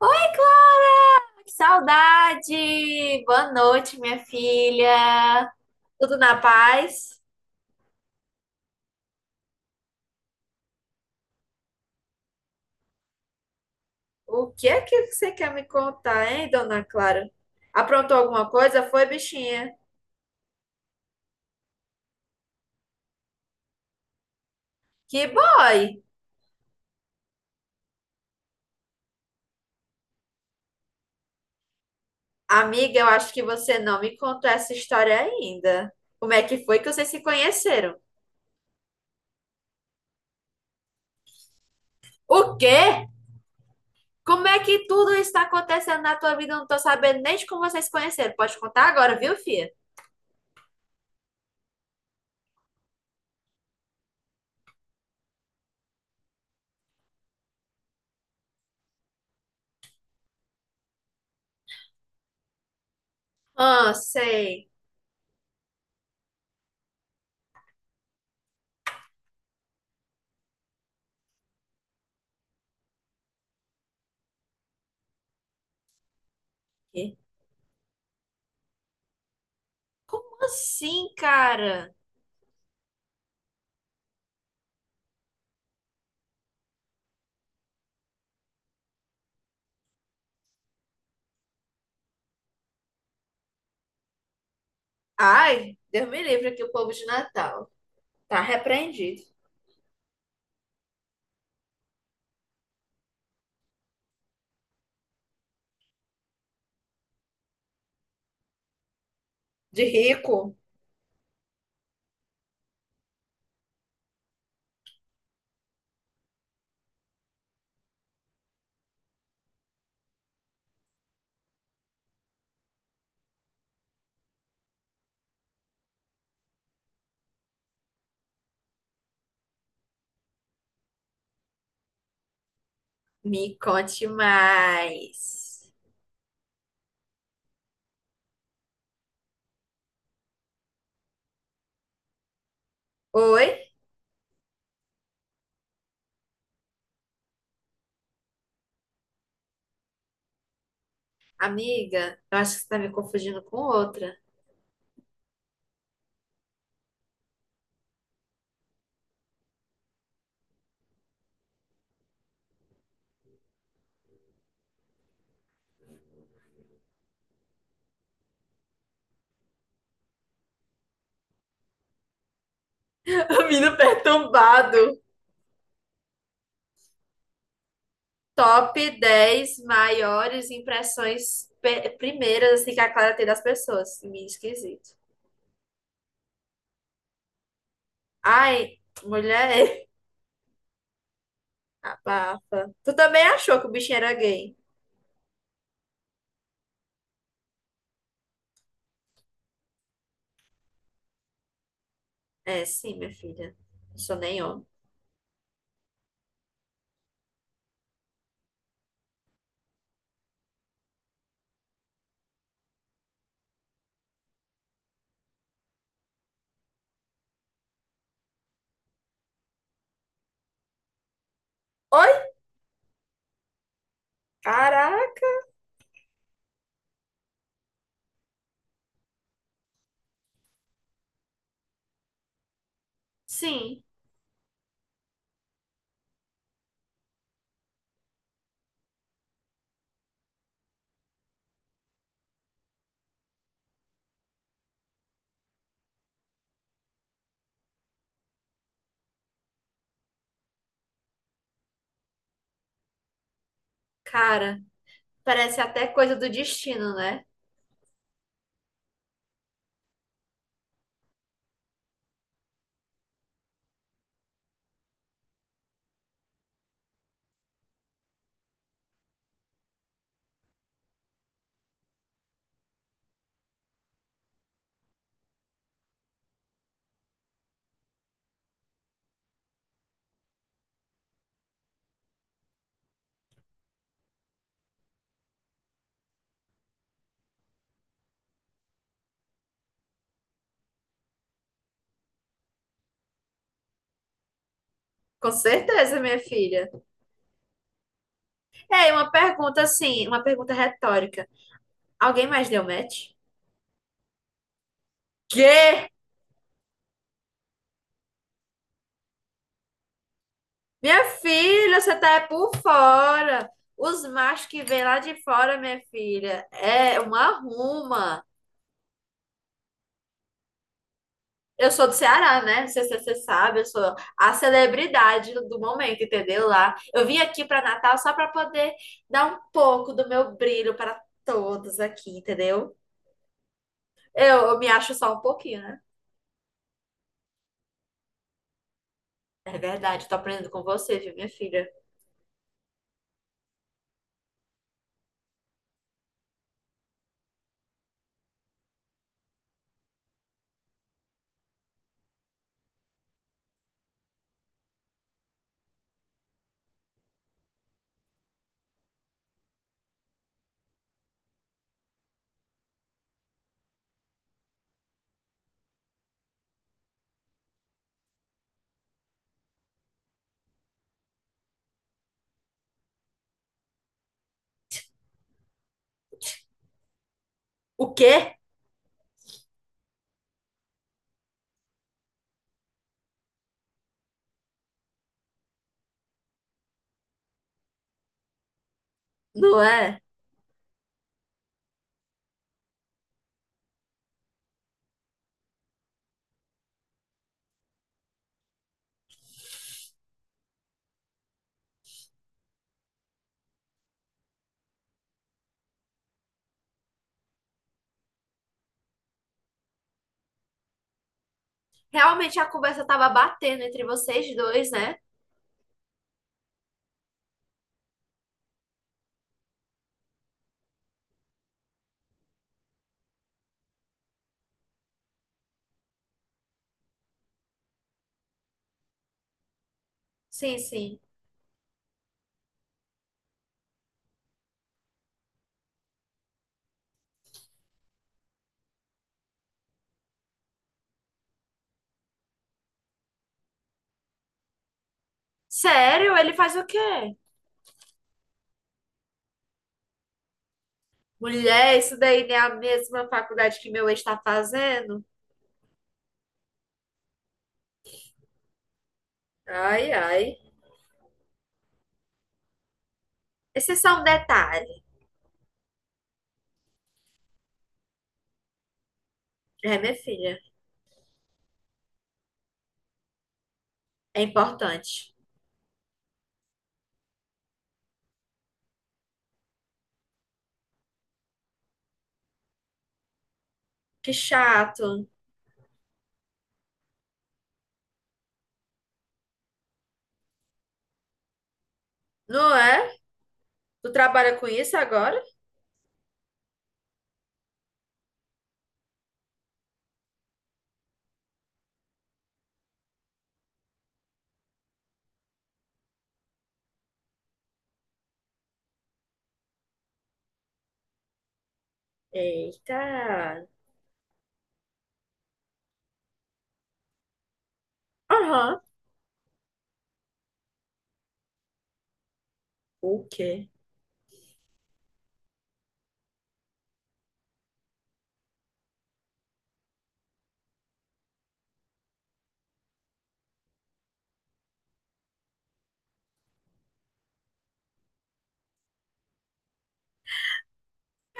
Oi, Clara! Que saudade! Boa noite, minha filha! Tudo na paz? O que é que você quer me contar, hein, dona Clara? Aprontou alguma coisa? Foi, bichinha? Que boy! Amiga, eu acho que você não me contou essa história ainda. Como é que foi que vocês se conheceram? O quê? Como é que tudo isso está acontecendo na tua vida? Eu não tô sabendo nem de como vocês se conheceram. Pode contar agora, viu, filha? Ah, sei. Como assim, cara? Ai, Deus me livre aqui o povo de Natal. Tá repreendido. De rico? Me conte mais. Oi, amiga? Eu acho que você tá me confundindo com outra. O Menino perturbado. Top 10 maiores impressões primeiras assim, que a Clara tem das pessoas. Meio esquisito. Ai, mulher, abafa. Tu também achou que o bichinho era gay? É, sim, minha filha. Não sou nem homem. Oi? Caraca! Sim, cara, parece até coisa do destino, né? Com certeza, minha filha. É, e uma pergunta assim, uma pergunta retórica. Alguém mais deu match? Quê? Minha filha, você tá é por fora. Os machos que vêm lá de fora, minha filha, é uma arruma. Eu sou do Ceará, né? Não sei se você sabe, eu sou a celebridade do momento, entendeu? Lá. Eu vim aqui para Natal só para poder dar um pouco do meu brilho para todos aqui, entendeu? Eu me acho só um pouquinho, né? É verdade, tô aprendendo com você, viu, minha filha? O quê? Não é? Realmente a conversa tava batendo entre vocês dois, né? Sim, sim. Sério? Ele faz o quê? Mulher, isso daí não é a mesma faculdade que meu ex tá fazendo? Ai, ai. Esse é só um detalhe. É, minha filha, é importante. Que chato, não é? Tu trabalha com isso agora? Eita. Aham. O quê?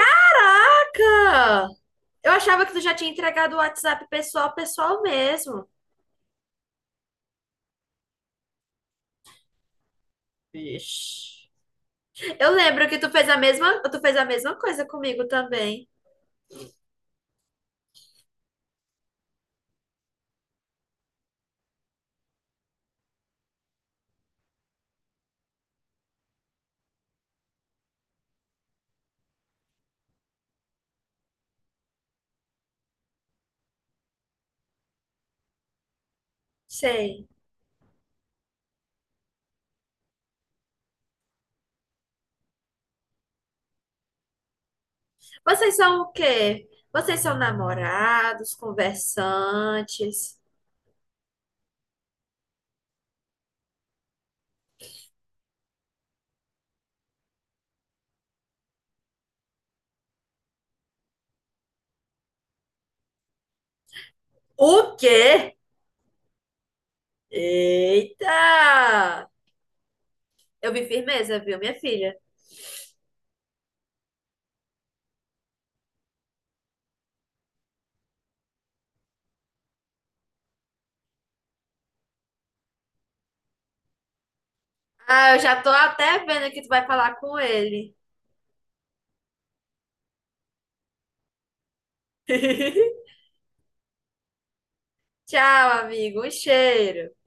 Caraca! Eu achava que tu já tinha entregado o WhatsApp pessoal, pessoal mesmo. Vixe. Eu lembro que tu fez a mesma coisa comigo também. Sei. Vocês são o quê? Vocês são namorados, conversantes. O quê? Eita! Eu vi firmeza, viu, minha filha? Ah, eu já tô até vendo que tu vai falar com ele. Tchau, amigo. Um cheiro.